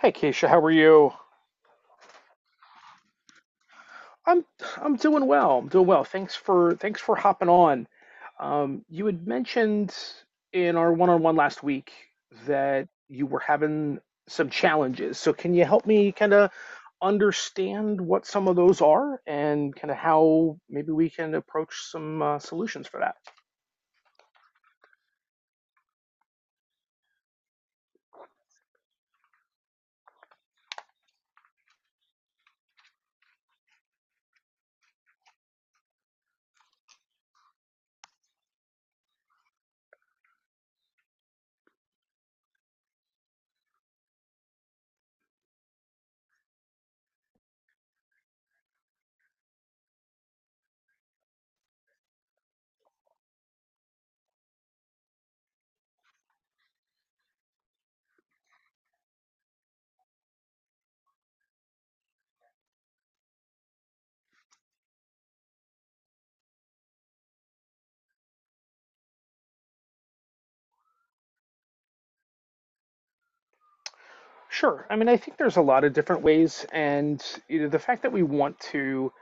Hey Keisha, how are you? I'm I'm doing well. I'm doing well. Thanks for hopping on. You had mentioned in our one-on-one last week that you were having some challenges. So can you help me kind of understand what some of those are and kind of how maybe we can approach some solutions for that? Sure. I mean, I think there's a lot of different ways, and you know, the fact that we want to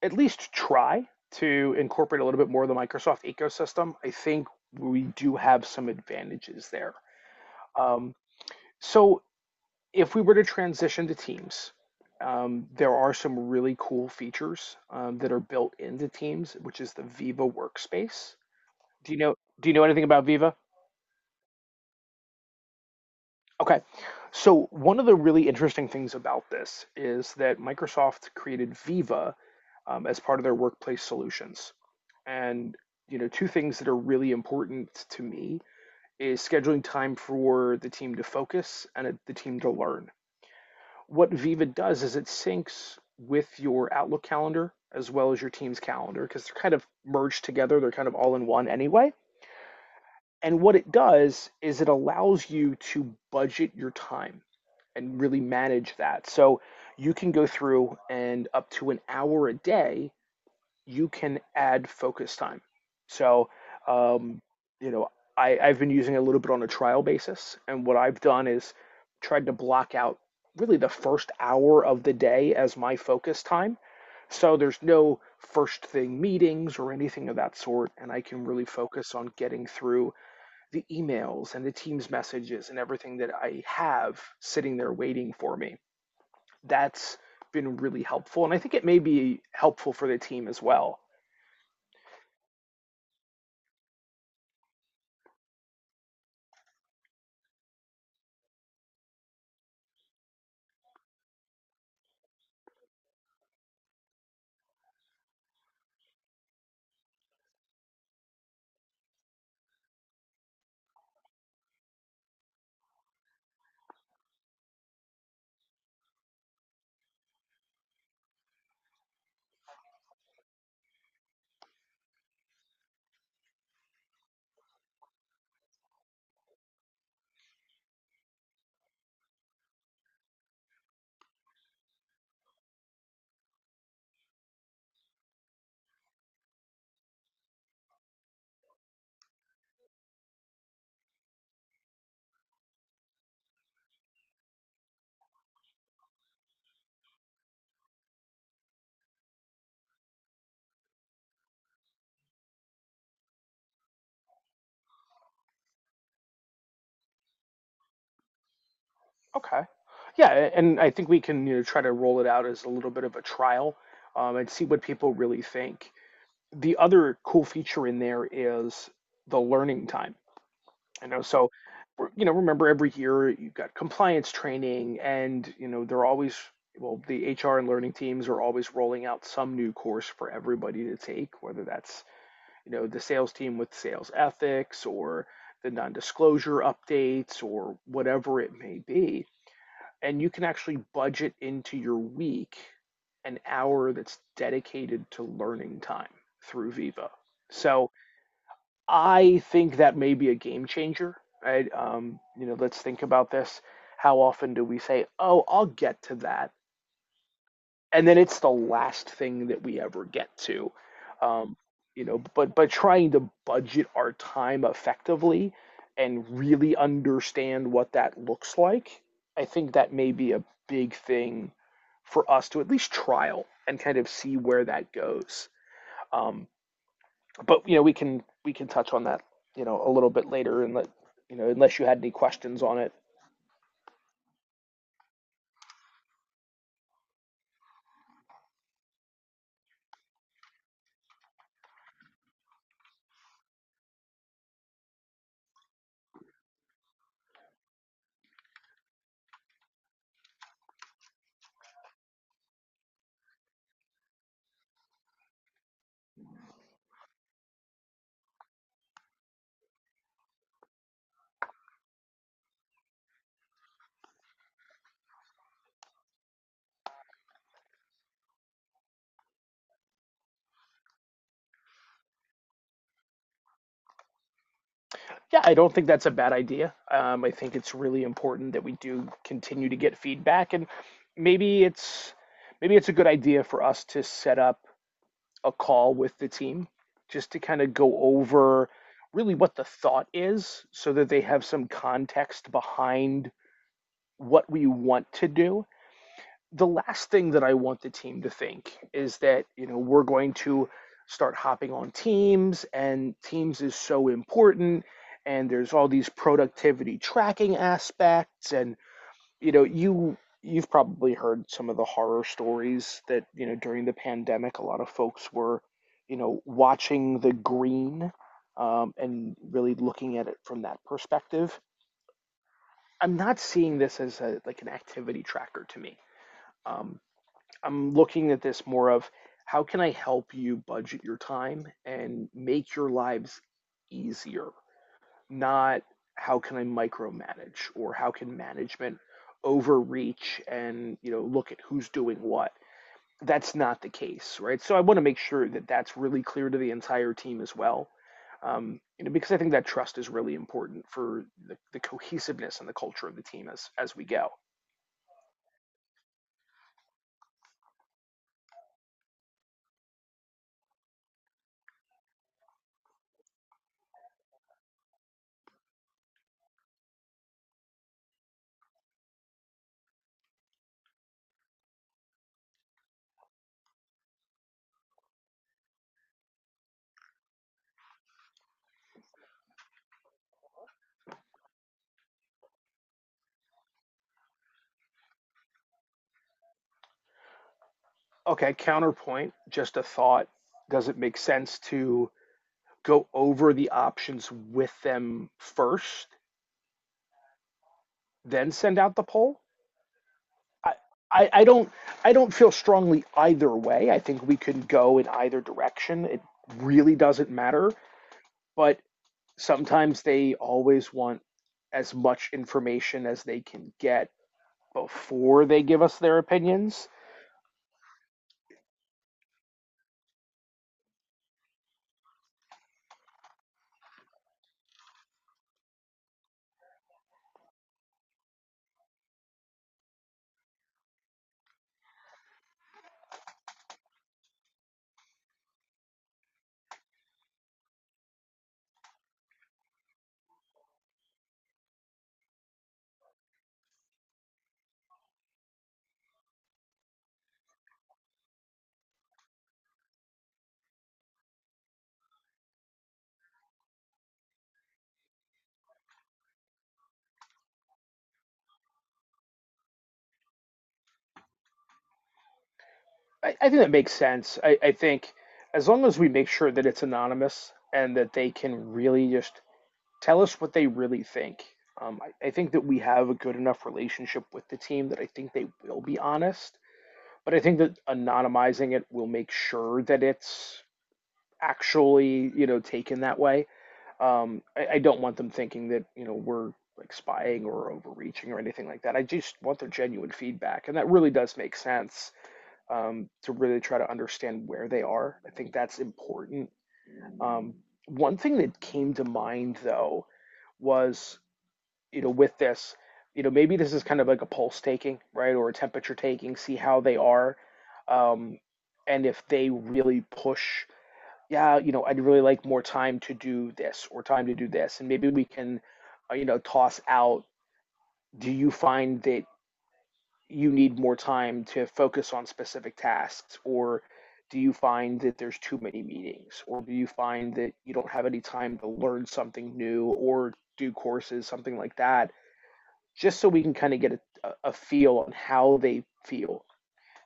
at least try to incorporate a little bit more of the Microsoft ecosystem, I think we do have some advantages there. Um, so if we were to transition to Teams, there are some really cool features that are built into Teams, which is the Viva workspace. Do you know? Do you know anything about Viva? Okay. So one of the really interesting things about this is that Microsoft created Viva as part of their workplace solutions. And you know, two things that are really important to me is scheduling time for the team to focus and the team to learn. What Viva does is it syncs with your Outlook calendar as well as your team's calendar because they're kind of merged together. They're kind of all in one anyway. And what it does is it allows you to budget your time and really manage that. So you can go through and up to an hour a day, you can add focus time. So, um, you know, I've been using it a little bit on a trial basis. And what I've done is tried to block out really the first hour of the day as my focus time. So there's no first thing meetings or anything of that sort. And I can really focus on getting through the emails and the Teams messages and everything that I have sitting there waiting for me. That's been really helpful. And I think it may be helpful for the team as well. Okay. Yeah. And I think we can, you know, try to roll it out as a little bit of a trial and see what people really think. The other cool feature in there is the learning time. You know, so you know, remember every year you've got compliance training, and you know they're always well, the HR and learning teams are always rolling out some new course for everybody to take, whether that's you know the sales team with sales ethics or the non-disclosure updates or whatever it may be. And you can actually budget into your week an hour that's dedicated to learning time through Viva. So I think that may be a game changer, right? You know, let's think about this. How often do we say, "Oh, I'll get to that," and then it's the last thing that we ever get to, um, you know? But trying to budget our time effectively and really understand what that looks like, I think that may be a big thing for us to at least trial and kind of see where that goes. Um, but you know we can touch on that you know a little bit later and let you know unless you had any questions on it. Yeah, I don't think that's a bad idea. I think it's really important that we do continue to get feedback. And maybe it's maybe it's a good idea for us to set up a call with the team just to kind of go over really what the thought is so that they have some context behind what we want to do. The last thing that I want the team to think is that, you know, we're going to start hopping on teams and teams is so important and there's all these productivity tracking aspects. And you know, you've probably heard some of the horror stories that, you know, during the pandemic a lot of folks were, you know, watching the green, and really looking at it from that perspective. I'm not seeing this as a like an activity tracker to me. Um, I'm looking at this more of how can I help you budget your time and make your lives easier, not how can I micromanage or how can management overreach and you know look at who's doing what. That's not the case, right? So I want to make sure that that's really clear to the entire team as well, you know, because I think that trust is really important for the cohesiveness and the culture of the team as we go. Okay, counterpoint, just a thought. Does it make sense to go over the options with them first, then send out the poll? I, I don't, i don't feel strongly either way. I think we can go in either direction. It really doesn't matter, but sometimes they always want as much information as they can get before they give us their opinions. I think that makes sense. I think as long as we make sure that it's anonymous and that they can really just tell us what they really think, I think that we have a good enough relationship with the team that I think they will be honest. But I think that anonymizing it will make sure that it's actually, you know, taken that way. I don't want them thinking that, you know, we're like spying or overreaching or anything like that. I just want their genuine feedback. And that really does make sense to really try to understand where they are. I think that's important. Um, One thing that came to mind though was, you know, with this, you know, maybe this is kind of like a pulse taking, right, or a temperature taking, see how they are, um, and if they really push, yeah, you know, I'd really like more time to do this or time to do this, and maybe we can, you know, toss out. Do you find that you need more time to focus on specific tasks or do you find that there's too many meetings or do you find that you don't have any time to learn something new or do courses something like that just so we can kind of get a feel on how they feel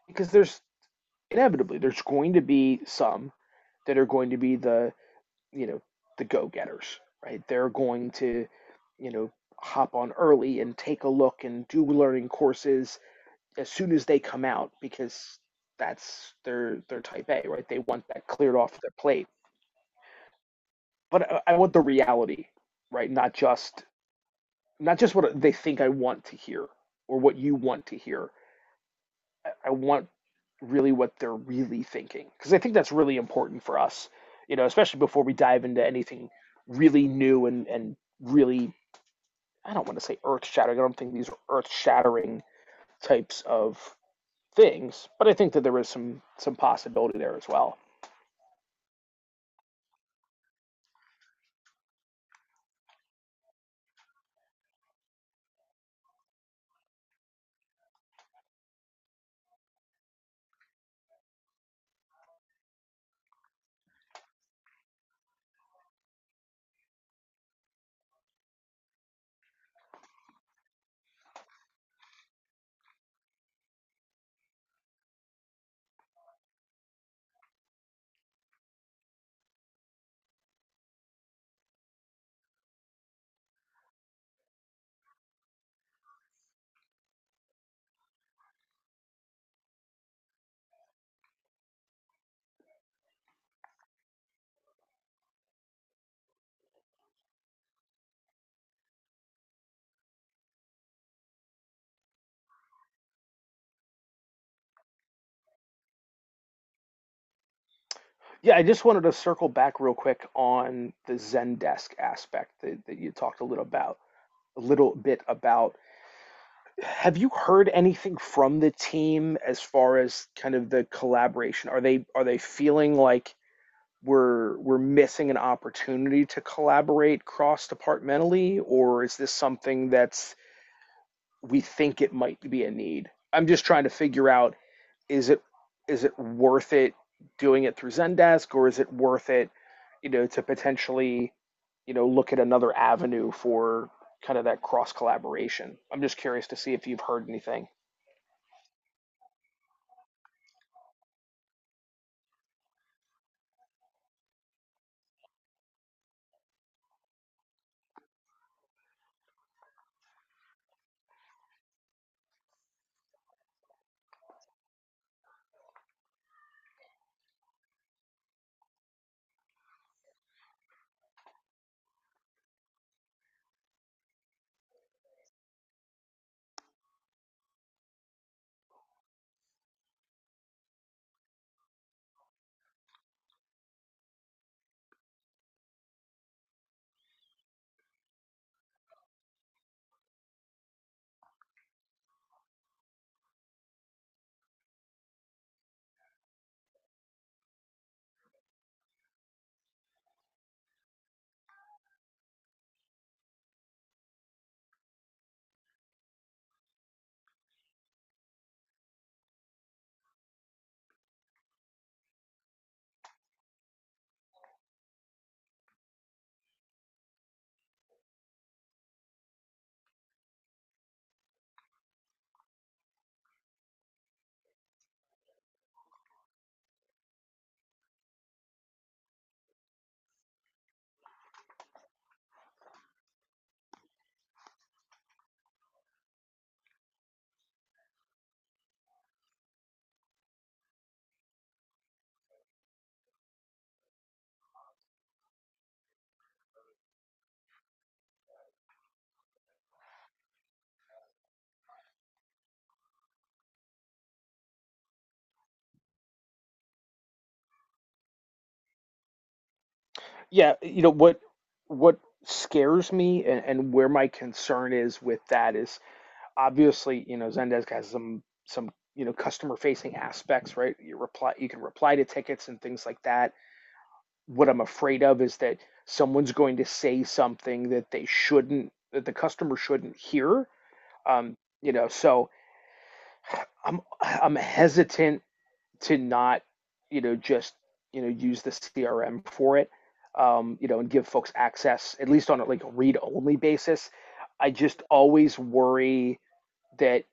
because there's inevitably there's going to be some that are going to be the you know the go-getters right they're going to you know hop on early and take a look and do learning courses as soon as they come out because that's their type A, right? They want that cleared off their plate. But I want the reality, right? Not just not just what they think I want to hear or what you want to hear. I want really what they're really thinking because I think that's really important for us, you know, especially before we dive into anything really new and really I don't want to say earth shattering. I don't think these are earth shattering types of things, but I think that there is some possibility there as well. Yeah, I just wanted to circle back real quick on the Zendesk aspect that, you talked a little about a little bit about. Have you heard anything from the team as far as kind of the collaboration? Are they feeling like we're missing an opportunity to collaborate cross departmentally, or is this something that's we think it might be a need? I'm just trying to figure out is it is it worth it doing it through Zendesk or is it worth it, you know, to potentially, you know, look at another avenue for kind of that cross collaboration? I'm just curious to see if you've heard anything. Yeah, you know what scares me and where my concern is with that is obviously, you know, Zendesk has some you know customer facing aspects, right? You can reply to tickets and things like that. What I'm afraid of is that someone's going to say something that they shouldn't, that the customer shouldn't hear. Um, you know, so I'm hesitant to not, you know, just you know use the CRM for it, you know, and give folks access at least on a like read only basis. I just always worry that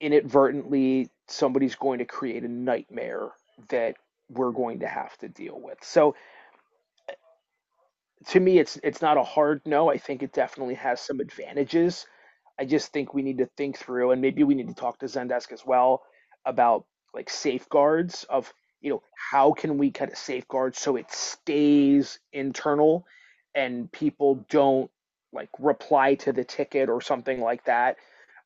inadvertently somebody's going to create a nightmare that we're going to have to deal with. So to me it's not a hard no. I think it definitely has some advantages. I just think we need to think through and maybe we need to talk to Zendesk as well about like safeguards of you know how can we kind of safeguard so it stays internal and people don't like reply to the ticket or something like that.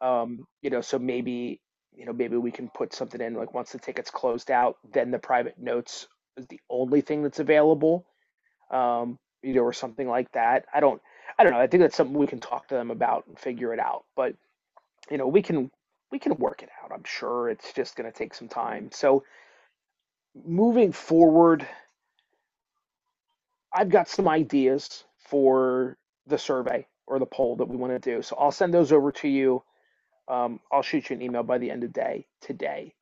You know, so maybe you know maybe we can put something in like once the ticket's closed out, then the private notes is the only thing that's available, you know, or something like that. I don't know. I think that's something we can talk to them about and figure it out. But you know, we can work it out. I'm sure it's just going to take some time. So moving forward, I've got some ideas for the survey or the poll that we want to do. So I'll send those over to you. I'll shoot you an email by the end of the day today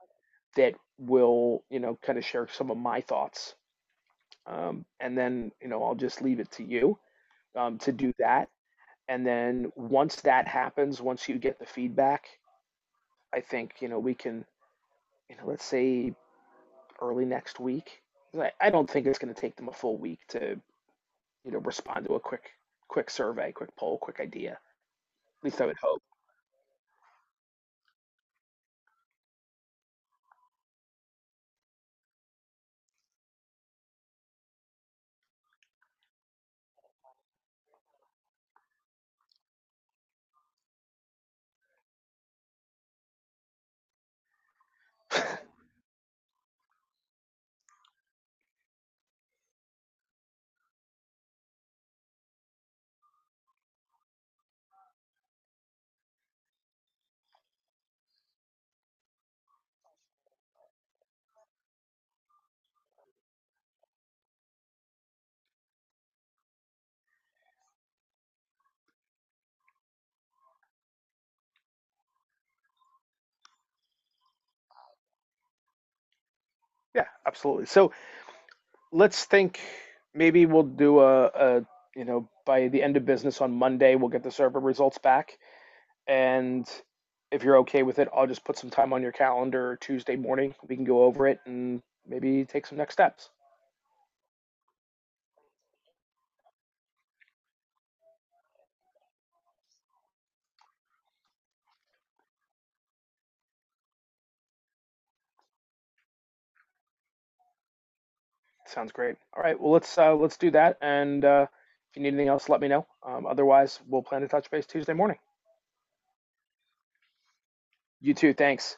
that will you know kind of share some of my thoughts. And then you know I'll just leave it to you to do that. And then once that happens, once you get the feedback, I think, you know, we can, you know, let's say early next week. I don't think it's going to take them a full week to, you know, respond to a quick survey, quick poll, quick idea. At least I would hope. Yeah, absolutely. So let's think maybe we'll do you know, by the end of business on Monday, we'll get the survey results back. And if you're okay with it, I'll just put some time on your calendar Tuesday morning. We can go over it and maybe take some next steps. Sounds great. All right. Well, let's do that. And if you need anything else, let me know. Otherwise, we'll plan to touch base Tuesday morning. You too. Thanks.